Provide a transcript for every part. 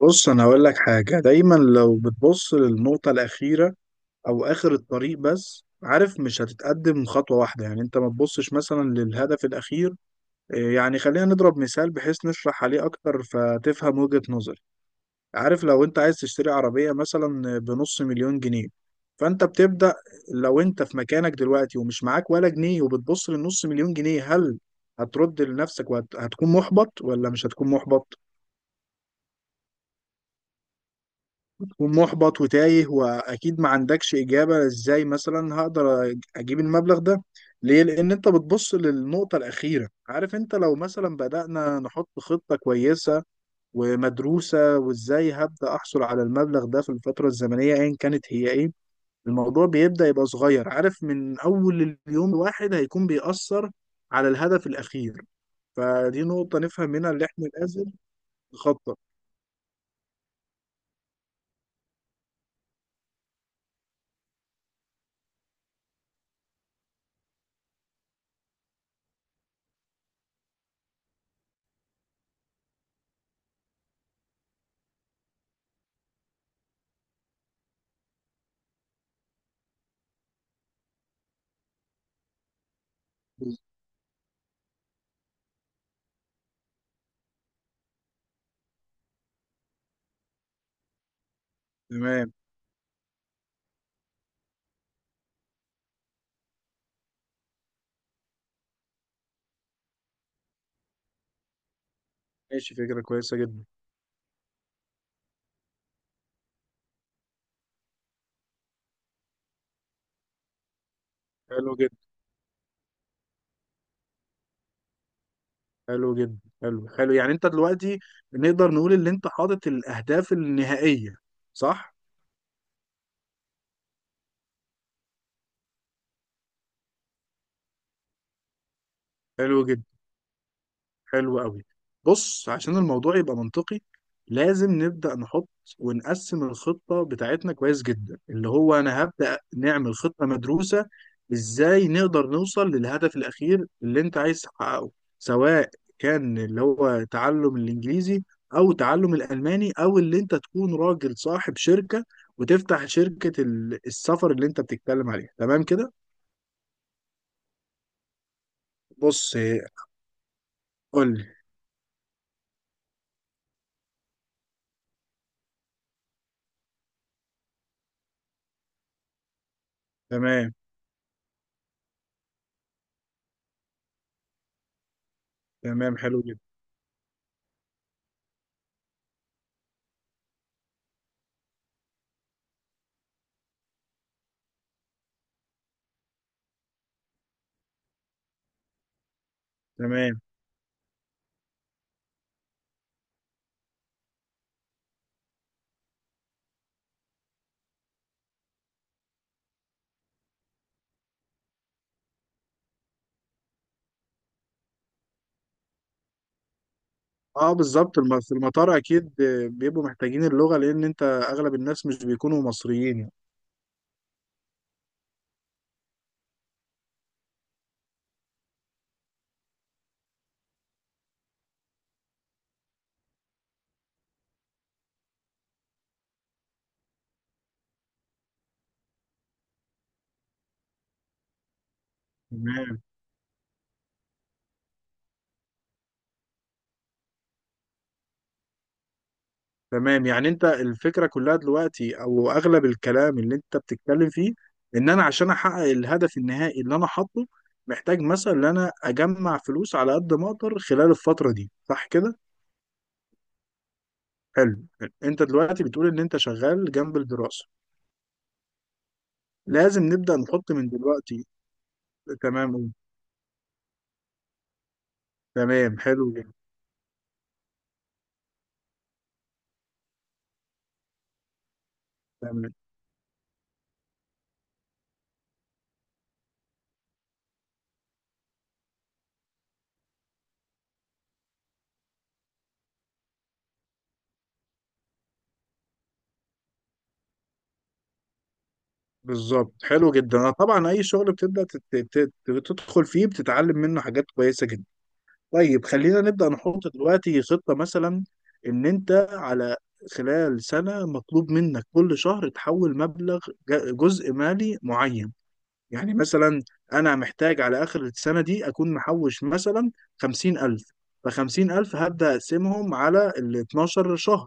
بص، انا هقول لك حاجه. دايما لو بتبص للنقطه الاخيره او اخر الطريق، بس عارف مش هتتقدم خطوه واحده. يعني انت ما تبصش مثلا للهدف الاخير. إيه يعني، خلينا نضرب مثال بحيث نشرح عليه اكتر فتفهم وجهه نظري. عارف لو انت عايز تشتري عربيه مثلا بنص مليون جنيه، فانت بتبدا. لو انت في مكانك دلوقتي ومش معاك ولا جنيه وبتبص للنص مليون جنيه، هل هترد لنفسك وهتكون محبط ولا مش هتكون محبط؟ ومحبط وتايه واكيد ما عندكش اجابه ازاي مثلا هقدر اجيب المبلغ ده. ليه؟ لان انت بتبص للنقطه الاخيره. عارف انت لو مثلا بدانا نحط خطه كويسه ومدروسه وازاي هبدا احصل على المبلغ ده في الفتره الزمنيه ايا كانت هي ايه، الموضوع بيبدا يبقى صغير. عارف من اول اليوم الواحد هيكون بيأثر على الهدف الاخير. فدي نقطه نفهم منها اللي احنا لازم نخطط. تمام. ماشي، فكره كويسه جدا. حلو جدا. حلو جدا، حلو، حلو. يعني انت دلوقتي نقدر نقول ان انت حاطط الاهداف النهائية، صح؟ حلو جدا، حلو قوي. بص، عشان الموضوع يبقى منطقي لازم نبدأ نحط ونقسم الخطة بتاعتنا كويس جدا، اللي هو أنا هبدأ نعمل خطة مدروسة إزاي نقدر نوصل للهدف الأخير اللي أنت عايز تحققه، سواء كان اللي هو تعلم الإنجليزي أو تعلم الألماني أو اللي أنت تكون راجل صاحب شركة وتفتح شركة السفر اللي أنت بتتكلم عليها. تمام كده؟ بص، قول لي. تمام، تمام، حلو جدا. تمام. اه بالظبط، في المطار اكيد بيبقوا محتاجين اللغه، لان انت اغلب الناس مش بيكونوا مصريين يعني. تمام. تمام، يعني انت الفكره كلها دلوقتي او اغلب الكلام اللي انت بتتكلم فيه ان انا عشان احقق الهدف النهائي اللي انا حاطه محتاج مثلا ان انا اجمع فلوس على قد ما اقدر خلال الفتره دي، صح كده؟ حلو. انت دلوقتي بتقول ان انت شغال جنب الدراسه. لازم نبدا نحط من دلوقتي. تمام. تمام، حلو جدا. تمام. بالظبط، حلو جدا. أنا طبعا اي شغل بتبدا تدخل فيه بتتعلم منه حاجات كويسه جدا. طيب خلينا نبدا نحط دلوقتي خطه مثلا ان انت على خلال سنه مطلوب منك كل شهر تحول مبلغ، جزء مالي معين. يعني مثلا انا محتاج على اخر السنه دي اكون محوش مثلا 50000. فخمسين ألف هبدأ أقسمهم على ال 12 شهر،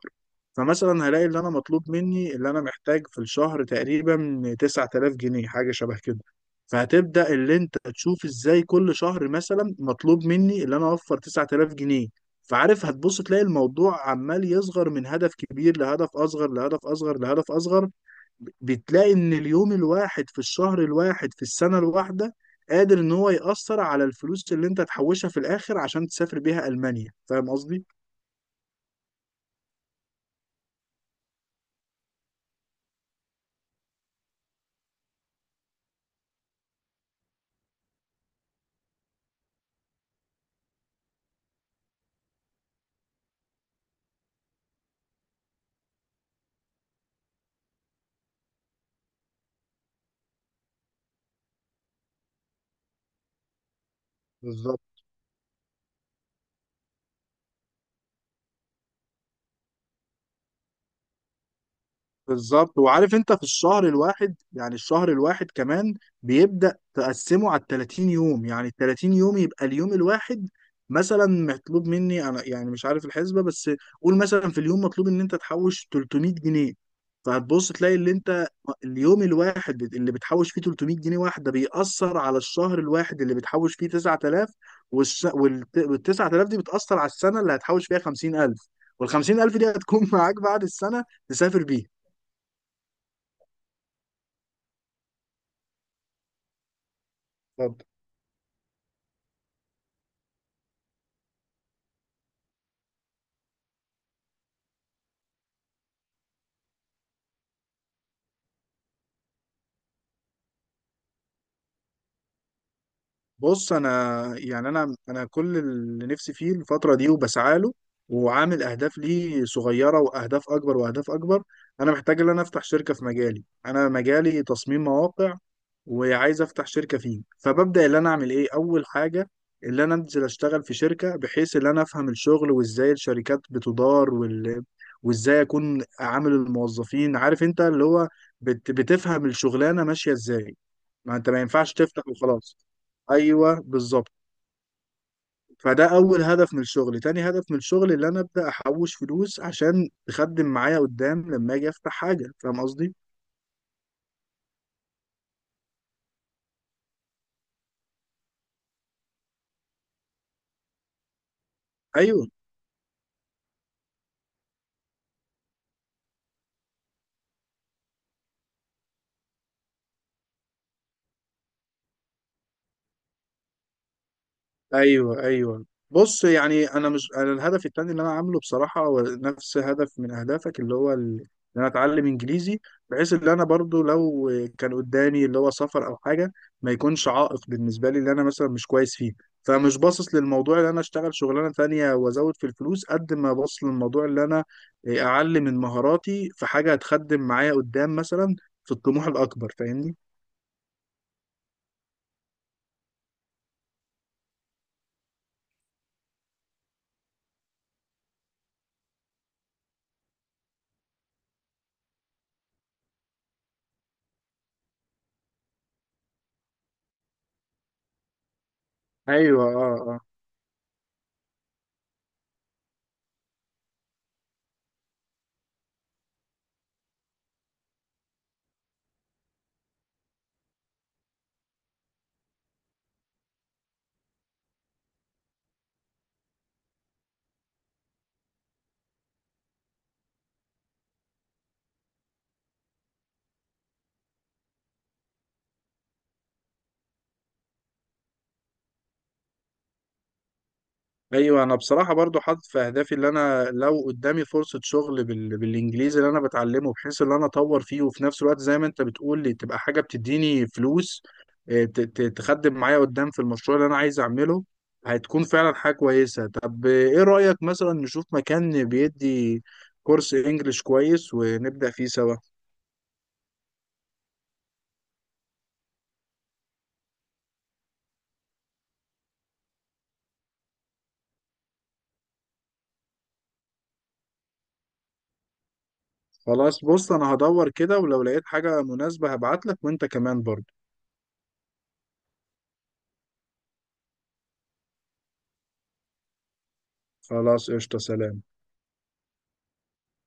فمثلا هلاقي اللي أنا مطلوب مني اللي أنا محتاج في الشهر تقريبا 9000 جنيه، حاجة شبه كده. فهتبدأ اللي أنت تشوف إزاي كل شهر مثلا مطلوب مني اللي أنا أوفر 9000 جنيه. فعارف هتبص تلاقي الموضوع عمال يصغر من هدف كبير لهدف أصغر لهدف أصغر لهدف أصغر. بتلاقي ان اليوم الواحد في الشهر الواحد في السنة الواحدة قادر ان هو يأثر على الفلوس اللي انت تحوشها في الاخر عشان تسافر بيها ألمانيا. فاهم قصدي؟ بالظبط. وعارف انت في الشهر الواحد، يعني الشهر الواحد كمان بيبدأ تقسمه على 30 يوم، يعني 30 يوم يبقى اليوم الواحد مثلا مطلوب مني انا، يعني مش عارف الحسبة، بس قول مثلا في اليوم مطلوب ان انت تحوش 300 جنيه. فهتبص تلاقي اللي انت اليوم الواحد اللي بتحوش فيه 300 جنيه واحدة بيأثر على الشهر الواحد اللي بتحوش فيه 9000، وال 9000 دي بتأثر على السنة اللي هتحوش فيها 50000، وال 50000 دي هتكون معاك بعد السنة تسافر بيها. طب بص، انا يعني انا كل اللي نفسي فيه الفتره دي وبسعى له وعامل اهداف ليه صغيره واهداف اكبر واهداف اكبر، انا محتاج ان انا افتح شركه في مجالي. انا مجالي تصميم مواقع وعايز افتح شركه فيه. فببدا اللي انا اعمل ايه اول حاجه، اللي انا انزل اشتغل في شركه بحيث ان انا افهم الشغل وازاي الشركات بتدار وازاي اكون عامل الموظفين، عارف انت اللي هو بتفهم الشغلانه ماشيه ازاي. ما انت ما ينفعش تفتح وخلاص. ايوه بالظبط. فده اول هدف من الشغل، تاني هدف من الشغل اللي انا ابدا احوش فلوس عشان تخدم معايا قدام لما اجي افتح حاجه. فاهم قصدي؟ ايوه، ايوه. ايوه بص، يعني انا مش، انا الهدف التاني اللي انا عامله بصراحه هو نفس هدف من اهدافك، اللي هو ان انا اتعلم انجليزي، بحيث ان انا برضو لو كان قدامي اللي هو سفر او حاجه ما يكونش عائق بالنسبه لي اللي انا مثلا مش كويس فيه. فمش باصص للموضوع اللي انا اشتغل شغلانه تانية وازود في الفلوس قد ما باصص للموضوع اللي انا اعلم من مهاراتي في حاجه هتخدم معايا قدام مثلا في الطموح الاكبر. فاهمني؟ ايوه اه، ايوه. انا بصراحه برضو حاطط في اهدافي اللي انا لو قدامي فرصه شغل بالانجليزي اللي انا بتعلمه بحيث ان انا اطور فيه، وفي نفس الوقت زي ما انت بتقول لي تبقى حاجه بتديني فلوس، تخدم معايا قدام في المشروع اللي انا عايز اعمله. هتكون فعلا حاجه كويسه. طب ايه رايك مثلا نشوف مكان بيدي كورس انجليش كويس ونبدا فيه سوا؟ خلاص، بص انا هدور كده ولو لقيت حاجه مناسبه هبعت لك، وانت كمان برضو. خلاص قشطه، سلام.